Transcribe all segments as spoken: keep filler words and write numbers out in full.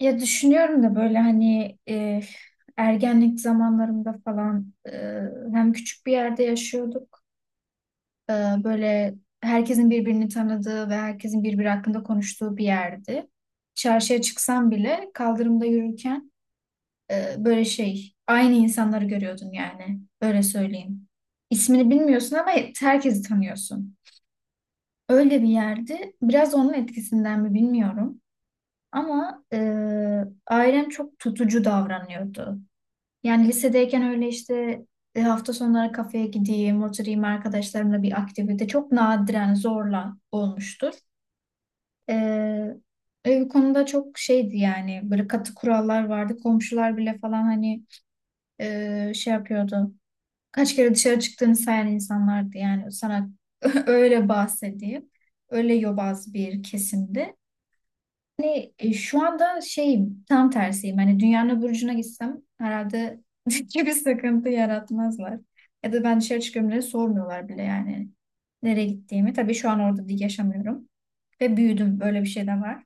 Ya düşünüyorum da böyle hani e, ergenlik zamanlarımda falan e, hem küçük bir yerde yaşıyorduk. E, Böyle herkesin birbirini tanıdığı ve herkesin birbiri hakkında konuştuğu bir yerdi. Çarşıya çıksam bile kaldırımda yürürken e, böyle şey aynı insanları görüyordun, yani öyle söyleyeyim. İsmini bilmiyorsun ama herkesi tanıyorsun. Öyle bir yerdi. Biraz onun etkisinden mi bilmiyorum. Ama e, ailem çok tutucu davranıyordu. Yani lisedeyken öyle işte e, hafta sonları kafeye gideyim, oturayım arkadaşlarımla bir aktivite çok nadiren zorla olmuştur. Ee, e, bu konuda çok şeydi, yani böyle katı kurallar vardı. Komşular bile falan hani e, şey yapıyordu. Kaç kere dışarı çıktığını sayan insanlardı yani sana öyle bahsedeyim. Öyle yobaz bir kesimdi. Hani e, şu anda şey tam tersiyim. Hani dünyanın öbür ucuna gitsem herhalde hiçbir sıkıntı yaratmazlar. Ya da ben dışarı çıkıyorum diye sormuyorlar bile, yani nereye gittiğimi. Tabii şu an orada değil, yaşamıyorum. Ve büyüdüm. Böyle bir şey de var.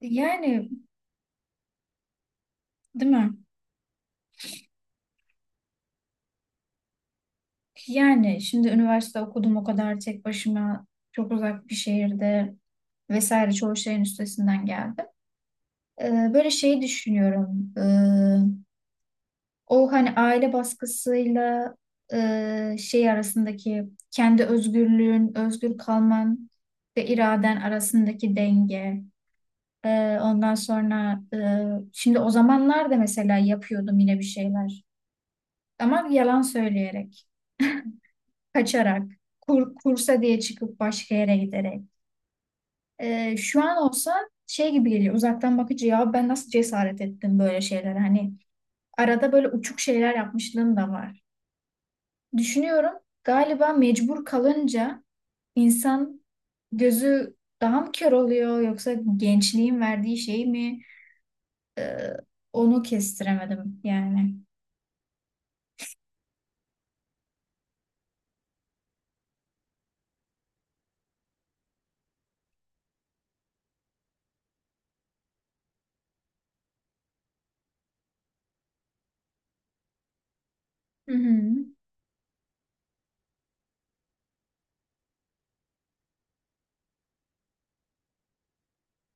Yani değil mi? Yani şimdi üniversite okudum, o kadar tek başıma, çok uzak bir şehirde vesaire, çoğu şeyin üstesinden geldim. Ee, böyle şeyi düşünüyorum. O hani aile baskısıyla e, şey arasındaki, kendi özgürlüğün, özgür kalman ve iraden arasındaki denge. E, ondan sonra e, şimdi o zamanlar da mesela yapıyordum yine bir şeyler. Ama yalan söyleyerek, kaçarak, kur, kursa diye çıkıp başka yere giderek. E, şu an olsa şey gibi geliyor, uzaktan bakıcı, ya ben nasıl cesaret ettim böyle şeylere, hani arada böyle uçuk şeyler yapmışlığım da var. Düşünüyorum, galiba mecbur kalınca insan gözü daha mı kör oluyor, yoksa gençliğin verdiği şey mi? Ee, onu kestiremedim yani. Hı hı.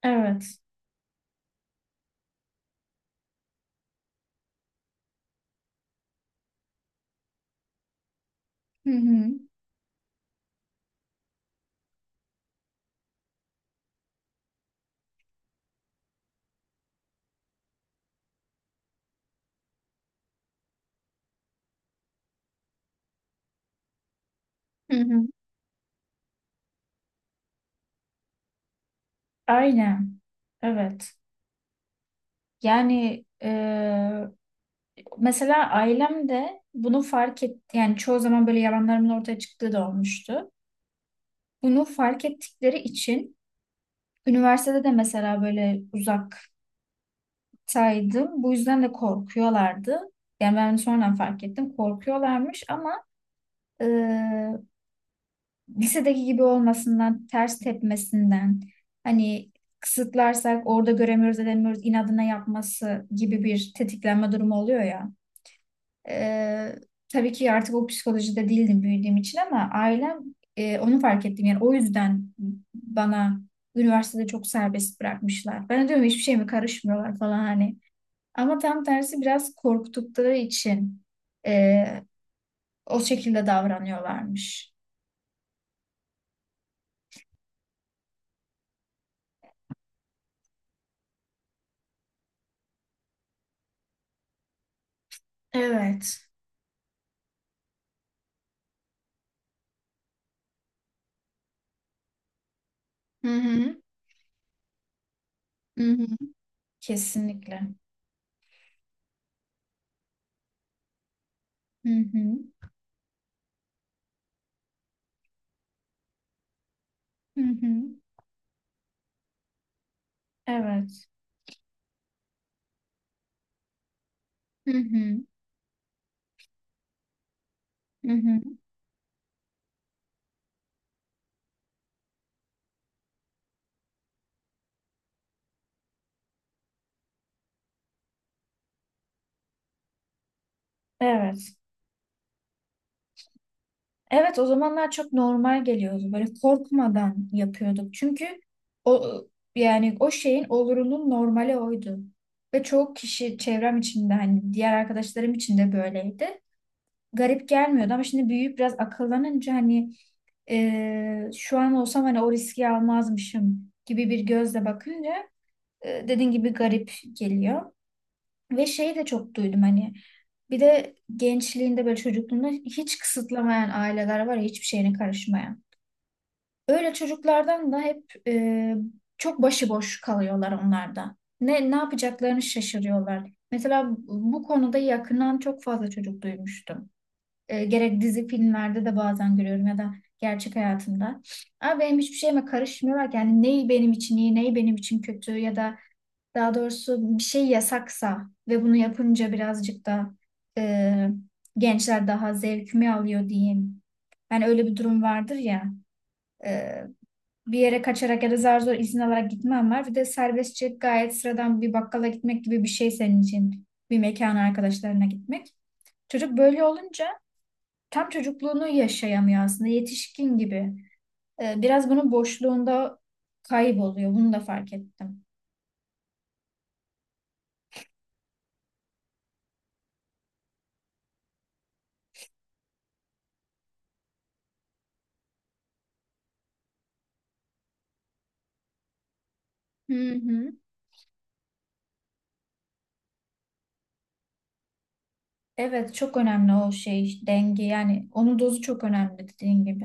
Evet. Hı hı. Hı hı. Aynen. Evet. Yani e, mesela ailem de bunu fark et, yani çoğu zaman böyle yalanlarımın ortaya çıktığı da olmuştu. Bunu fark ettikleri için üniversitede de mesela böyle uzak saydım. Bu yüzden de korkuyorlardı. Yani ben sonradan fark ettim. Korkuyorlarmış ama e, lisedeki gibi olmasından, ters tepmesinden, hani kısıtlarsak orada göremiyoruz, edemiyoruz, inadına yapması gibi bir tetiklenme durumu oluyor ya. E, tabii ki artık o psikolojide değildim büyüdüğüm için, ama ailem e, onu fark ettim. Yani o yüzden bana üniversitede çok serbest bırakmışlar. Ben de diyorum hiçbir şey mi karışmıyorlar falan hani. Ama tam tersi, biraz korktukları için eee, o şekilde davranıyorlarmış. Evet. Hı hı. Hı hı. Kesinlikle. Hı hı. Hı hı. Evet. Hı hı. Hı hı. Evet. Evet, o zamanlar çok normal geliyordu. Böyle korkmadan yapıyorduk. Çünkü o, yani o şeyin olurunun normali oydu. Ve çoğu kişi çevrem içinde, hani diğer arkadaşlarım için de böyleydi. Garip gelmiyordu ama şimdi büyüyüp biraz akıllanınca, hani e, şu an olsam hani o riski almazmışım gibi bir gözle bakınca e, dediğin gibi garip geliyor. Ve şeyi de çok duydum, hani bir de gençliğinde, böyle çocukluğunda hiç kısıtlamayan aileler var ya, hiçbir şeyine karışmayan. Öyle çocuklardan da hep e, çok başıboş kalıyorlar onlar da. Ne, ne yapacaklarını şaşırıyorlar. Mesela bu konuda yakından çok fazla çocuk duymuştum. E, gerek dizi filmlerde de bazen görüyorum ya da gerçek hayatımda. Ama benim hiçbir şeyime karışmıyorlar ki. Yani neyi benim için iyi, neyi benim için kötü, ya da daha doğrusu bir şey yasaksa ve bunu yapınca birazcık da e, gençler daha zevkimi alıyor diyeyim. Yani öyle bir durum vardır ya. e, Bir yere kaçarak ya da zar zor izin alarak gitmem var. Bir de serbestçe gayet sıradan bir bakkala gitmek gibi bir şey senin için. Bir mekana arkadaşlarına gitmek. Çocuk böyle olunca tam çocukluğunu yaşayamıyor aslında, yetişkin gibi. Ee, biraz bunun boşluğunda kayboluyor. Bunu da fark ettim. Hı hı. Evet, çok önemli o şey denge, yani onun dozu çok önemli dediğin gibi.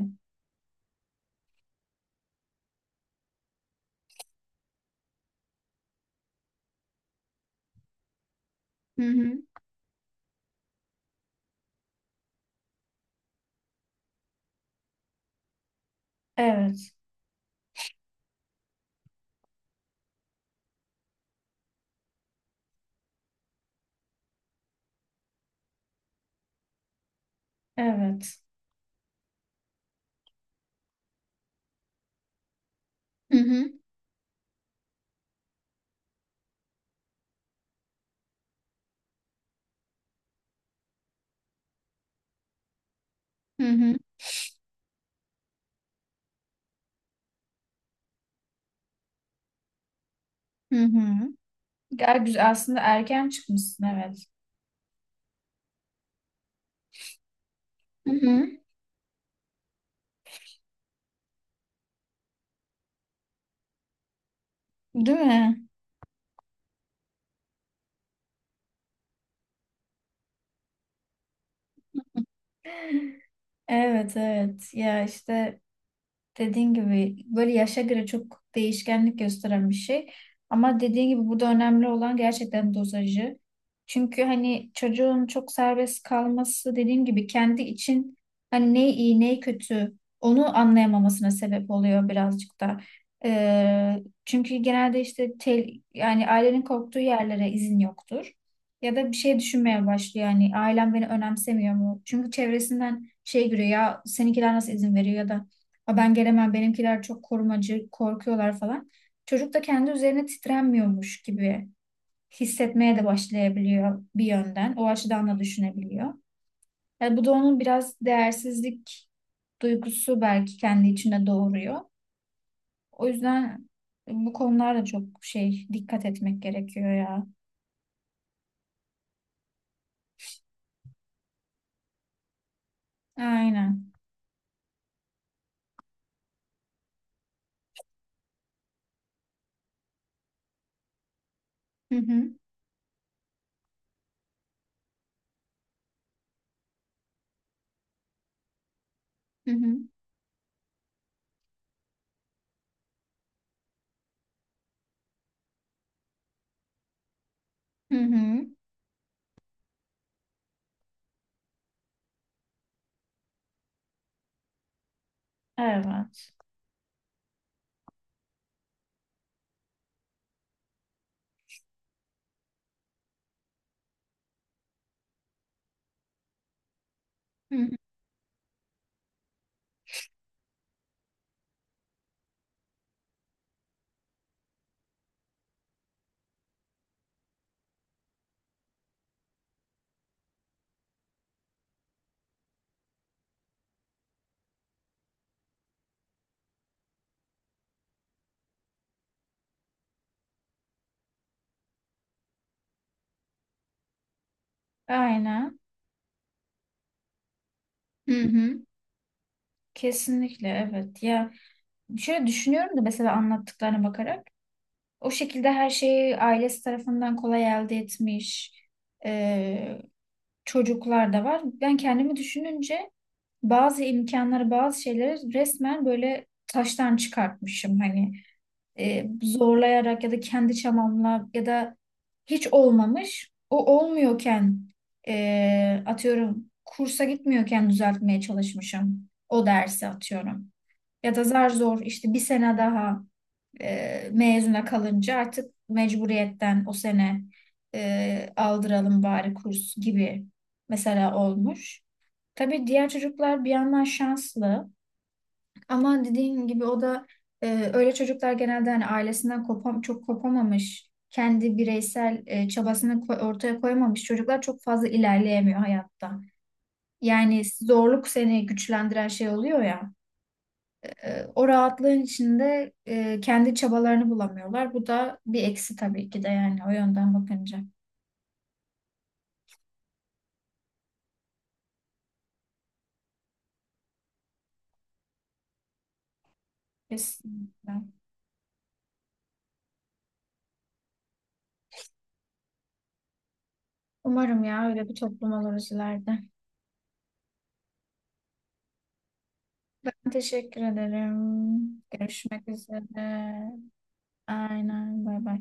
Hı hı. Evet, evet. Hı hı. Hı hı. Hı hı. Gel güzel aslında, erken çıkmışsın, evet. Hı hı. Değil mi? Evet, evet, ya işte dediğin gibi böyle yaşa göre çok değişkenlik gösteren bir şey. Ama dediğin gibi burada önemli olan gerçekten dozajı. Çünkü hani çocuğun çok serbest kalması, dediğim gibi kendi için hani ne iyi ne kötü onu anlayamamasına sebep oluyor birazcık da. Ee, çünkü genelde işte tel, yani ailenin korktuğu yerlere izin yoktur. Ya da bir şey düşünmeye başlıyor, yani ailem beni önemsemiyor mu? Çünkü çevresinden şey görüyor ya, seninkiler nasıl izin veriyor ya da "Aa, ben gelemem, benimkiler çok korumacı, korkuyorlar" falan. Çocuk da kendi üzerine titrenmiyormuş gibi hissetmeye de başlayabiliyor bir yönden. O açıdan da düşünebiliyor. Yani bu da onun biraz değersizlik duygusu belki kendi içinde doğuruyor. O yüzden bu konularda çok şey dikkat etmek gerekiyor ya. Aynen. Hı hı. Hı hı. Hı hı. Evet. Hı hı. Aynen. Hı hı. Kesinlikle, evet. Ya, şöyle düşünüyorum da mesela anlattıklarına bakarak. O şekilde her şeyi ailesi tarafından kolay elde etmiş e, çocuklar da var. Ben kendimi düşününce bazı imkanları, bazı şeyleri resmen böyle taştan çıkartmışım. Hani e, zorlayarak ya da kendi çabamla ya da hiç olmamış. O olmuyorken e, atıyorum kursa gitmiyorken düzeltmeye çalışmışım o dersi, atıyorum. Ya da zar zor işte bir sene daha. E, mezuna kalınca artık mecburiyetten o sene e, aldıralım bari kurs gibi mesela olmuş. Tabii diğer çocuklar bir yandan şanslı ama dediğin gibi o da e, öyle çocuklar genelde hani ailesinden kopam çok kopamamış, kendi bireysel e, çabasını ko- ortaya koymamış çocuklar çok fazla ilerleyemiyor hayatta. Yani zorluk seni güçlendiren şey oluyor ya. E, o rahatlığın içinde e, kendi çabalarını bulamıyorlar. Bu da bir eksi tabii ki de, yani o yönden bakınca. Kesinlikle. Umarım ya, öyle bir toplum oluruz ileride. Ben teşekkür ederim. Görüşmek üzere. Aynen. Bay bay.